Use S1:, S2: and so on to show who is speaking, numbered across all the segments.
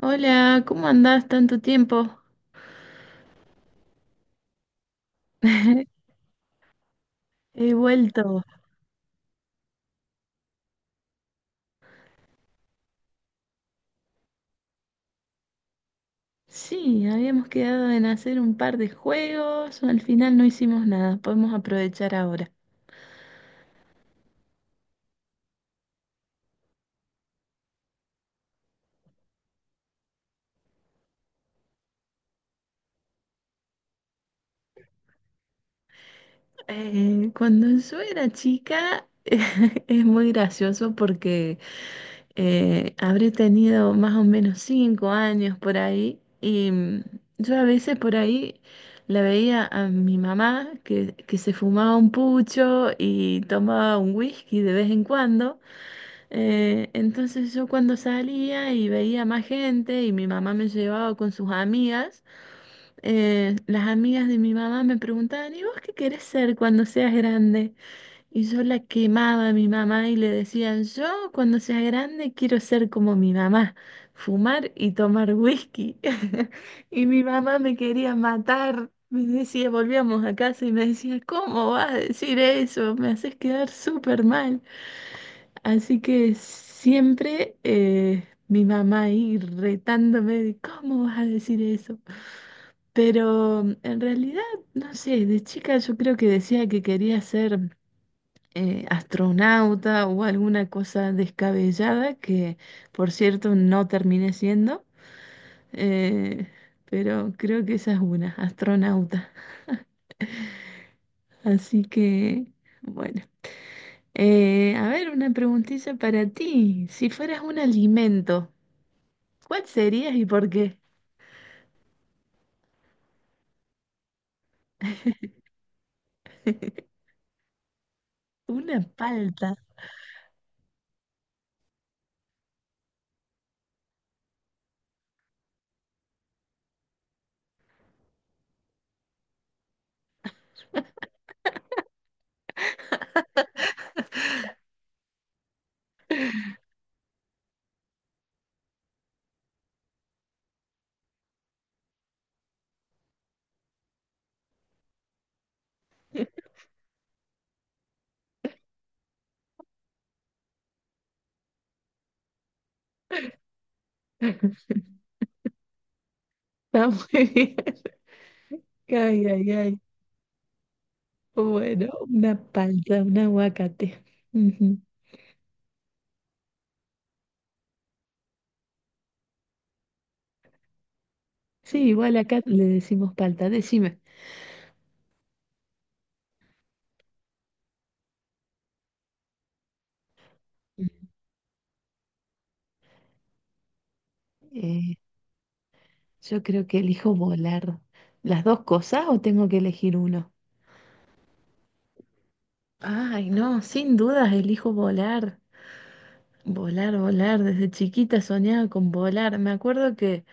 S1: Hola, ¿cómo andás tanto tiempo? He vuelto. Sí, habíamos quedado en hacer un par de juegos, al final no hicimos nada, podemos aprovechar ahora. Cuando yo era chica es muy gracioso porque habré tenido más o menos 5 años por ahí y yo a veces por ahí la veía a mi mamá que se fumaba un pucho y tomaba un whisky de vez en cuando. Entonces yo cuando salía y veía más gente y mi mamá me llevaba con sus amigas, las amigas de mi mamá me preguntaban, ¿y vos qué querés ser cuando seas grande? Y yo la quemaba a mi mamá y le decían, yo cuando sea grande quiero ser como mi mamá, fumar y tomar whisky. Y mi mamá me quería matar. Me decía, volvíamos a casa y me decía, ¿cómo vas a decir eso? Me haces quedar súper mal. Así que siempre mi mamá ahí retándome de cómo vas a decir eso. Pero en realidad, no sé, de chica yo creo que decía que quería ser astronauta o alguna cosa descabellada, que por cierto no terminé siendo, eh, pero creo que esa es una, astronauta. Así que, bueno. A ver, una preguntita para ti. Si fueras un alimento, ¿cuál serías y por qué? Una palta. Está muy bien. Ay, ay, ay. Bueno, una palta, un aguacate. Ujú. Sí, igual acá le decimos palta. Decime, eh, yo creo que elijo volar. ¿Las dos cosas o tengo que elegir uno? Ay, no, sin dudas elijo volar. Volar, volar. Desde chiquita soñaba con volar. Me acuerdo que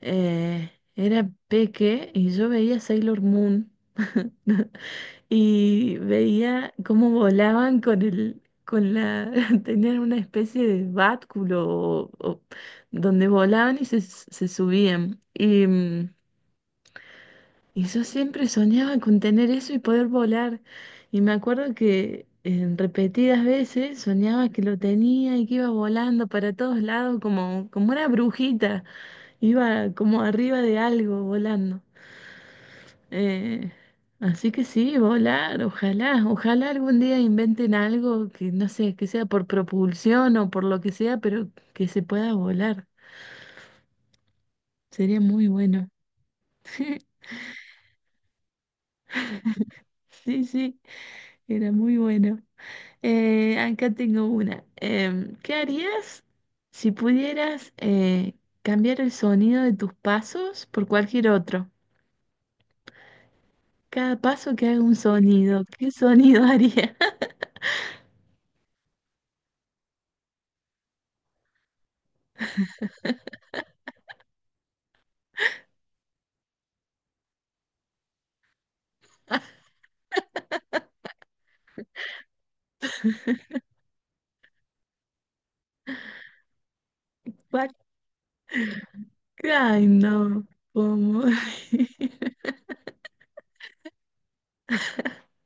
S1: era peque y yo veía Sailor Moon. Y veía cómo volaban con el, con la, tenían una especie de báculo o donde volaban y se subían. Y, y yo siempre soñaba con tener eso y poder volar. Y me acuerdo que en repetidas veces soñaba que lo tenía y que iba volando para todos lados como, como una brujita, iba como arriba de algo volando. Eh, Así que sí, volar, ojalá, ojalá algún día inventen algo que no sé, que sea por propulsión o por lo que sea, pero que se pueda volar. Sería muy bueno. Sí, sí, era muy bueno. Acá tengo una. ¿Qué harías si pudieras cambiar el sonido de tus pasos por cualquier otro? Cada paso que haga un sonido, ¿qué sonido haría? Ay, no, ¿cómo?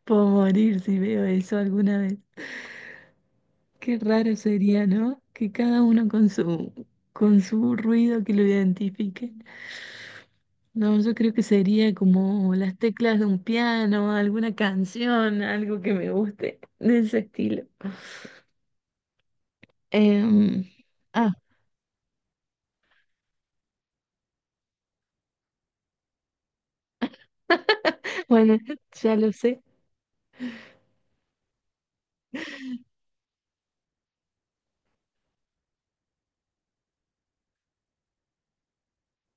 S1: Puedo morir si veo eso alguna vez. Qué raro sería, ¿no? Que cada uno con su ruido que lo identifique. No, yo creo que sería como las teclas de un piano, alguna canción, algo que me guste de ese estilo. Em, ah, bueno, ya lo sé.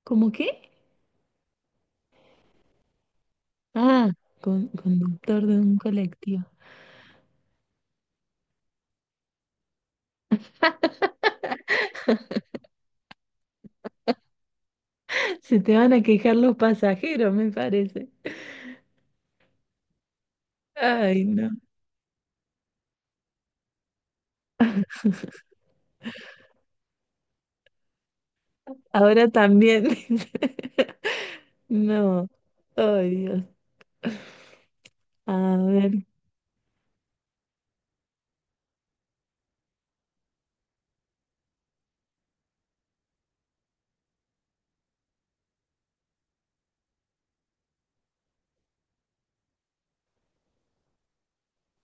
S1: ¿Cómo qué? Ah, con, conductor de un colectivo. Se te van a quejar los pasajeros, me parece. Ay, no. Ahora también. No. Ay, Dios. A ver,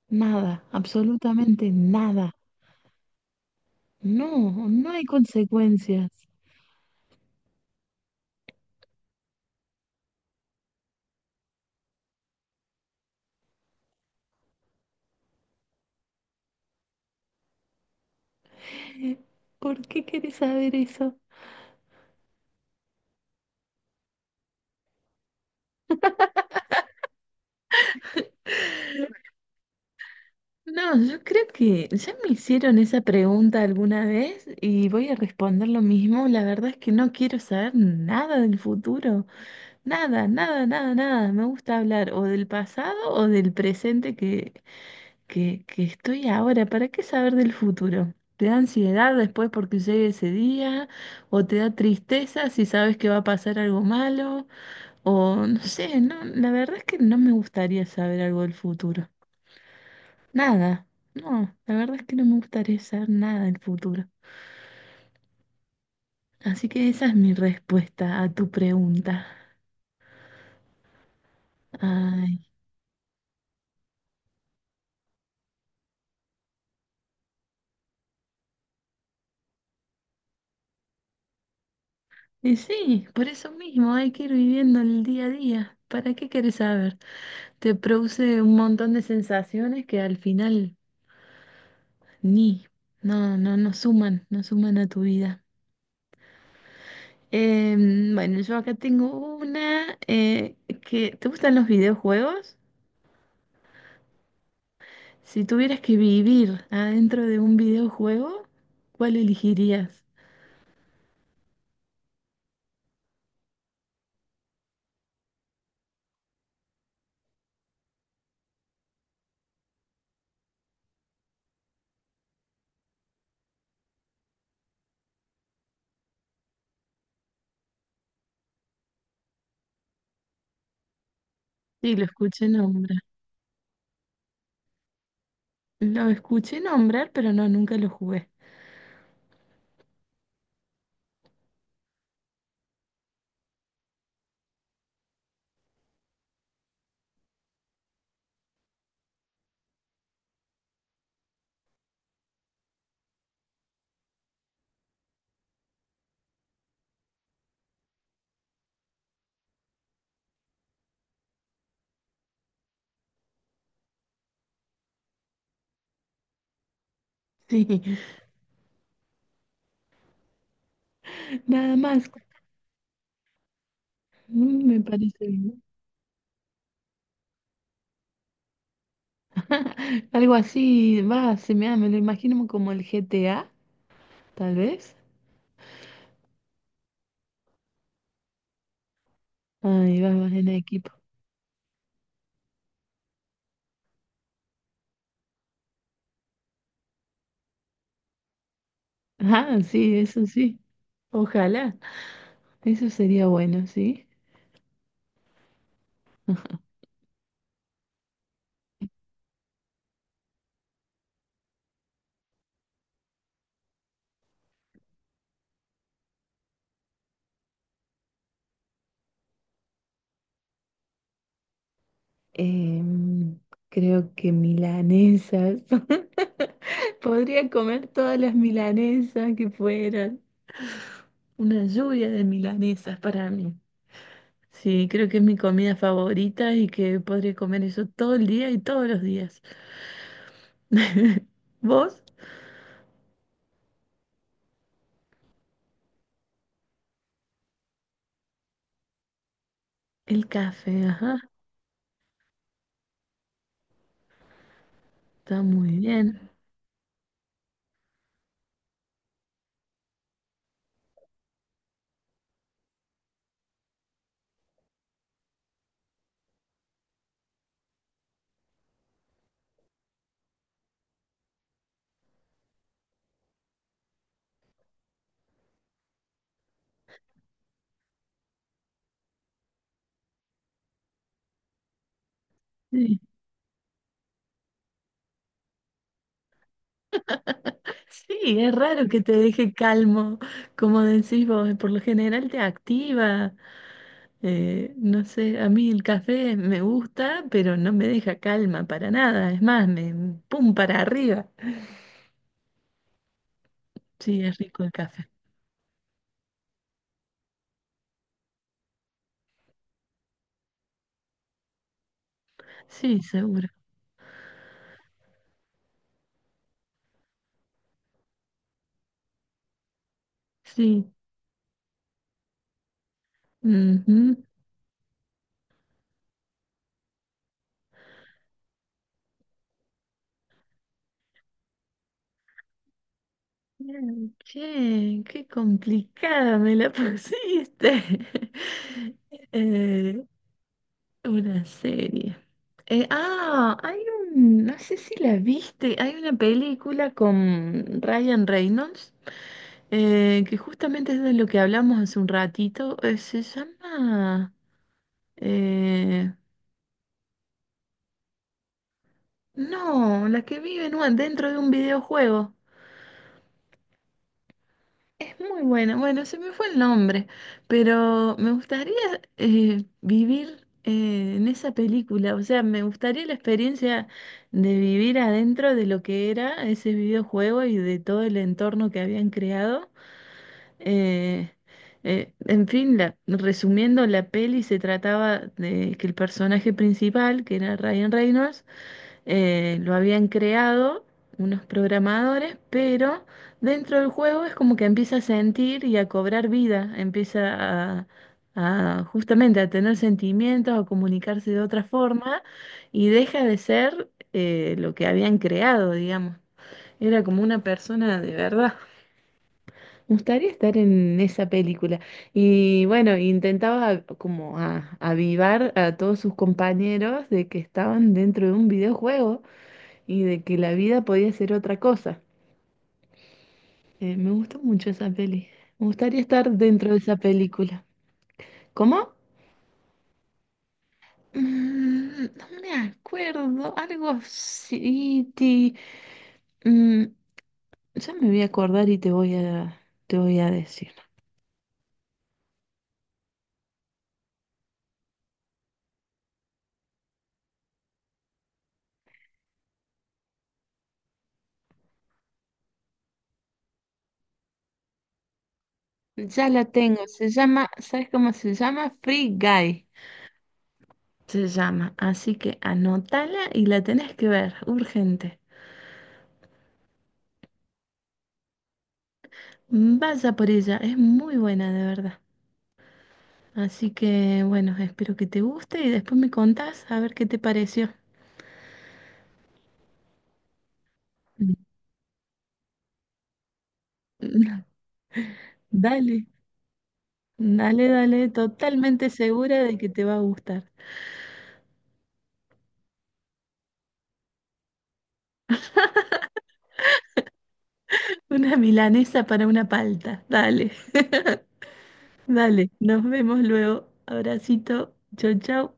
S1: nada, absolutamente nada. No, no hay consecuencias. ¿Por qué querés saber eso? No, yo creo que ya me hicieron esa pregunta alguna vez y voy a responder lo mismo. La verdad es que no quiero saber nada del futuro. Nada, nada, nada, nada. Me gusta hablar o del pasado o del presente que estoy ahora. ¿Para qué saber del futuro? ¿Te da ansiedad después porque llegue ese día? ¿O te da tristeza si sabes que va a pasar algo malo? O no sé, no, la verdad es que no me gustaría saber algo del futuro. Nada. No, la verdad es que no me gustaría saber nada del futuro. Así que esa es mi respuesta a tu pregunta. Ay, y sí, por eso mismo hay que ir viviendo el día a día. ¿Para qué quieres saber? Te produce un montón de sensaciones que al final ni, no, no, no suman, no suman a tu vida. Bueno, yo acá tengo una que... ¿Te gustan los videojuegos? Si tuvieras que vivir adentro de un videojuego, ¿cuál elegirías? Sí, lo escuché nombrar. Lo escuché nombrar, pero no, nunca lo jugué. Sí, nada más. Mm, me parece bien. Algo así, va, se me, da, me lo imagino como el GTA, tal vez. Ahí va, vas en equipo. Ah, sí, eso sí. Ojalá, eso sería bueno, ¿sí? Em, creo que milanesas. Podría comer todas las milanesas que fueran. Una lluvia de milanesas para mí. Sí, creo que es mi comida favorita y que podría comer eso todo el día y todos los días. ¿Vos? El café, ajá, está muy bien. Sí. Sí, es raro que te deje calmo, como decís vos, por lo general te activa. No sé, a mí el café me gusta, pero no me deja calma para nada, es más, me pum para arriba. Sí, es rico el café. Sí, seguro. Sí. Ujú. Bien, che, qué complicada me la pusiste. Eh, una serie. Hay un, no sé si la viste, hay una película con Ryan Reynolds, que justamente es de lo que hablamos hace un ratito, se llama, eh, no, la que vive en dentro de un videojuego. Es muy buena. Bueno, se me fue el nombre, pero me gustaría vivir en esa película. O sea, me gustaría la experiencia de vivir adentro de lo que era ese videojuego y de todo el entorno que habían creado. Eh, en fin, resumiendo, la peli se trataba de que el personaje principal, que era Ryan Reynolds, lo habían creado unos programadores, pero dentro del juego es como que empieza a sentir y a cobrar vida, empieza a, a justamente a tener sentimientos, a comunicarse de otra forma y deja de ser lo que habían creado, digamos. Era como una persona de verdad. Me gustaría estar en esa película. Y bueno, intentaba como avivar a todos sus compañeros de que estaban dentro de un videojuego y de que la vida podía ser otra cosa. Me gustó mucho esa peli. Me gustaría estar dentro de esa película. ¿Cómo? Mm, no me acuerdo, algo así. Mm, ya me voy a acordar y te voy a decir. Ya la tengo, se llama, ¿sabes cómo se llama? Free Guy. Se llama, así que anótala y la tenés que ver, urgente. Vaya por ella, es muy buena de verdad. Así que bueno, espero que te guste y después me contás a ver qué te pareció. Mm. Dale. Dale, dale, totalmente segura de que te va a gustar. Una milanesa para una palta. Dale, dale. Nos vemos luego. Abracito. Chau, chau.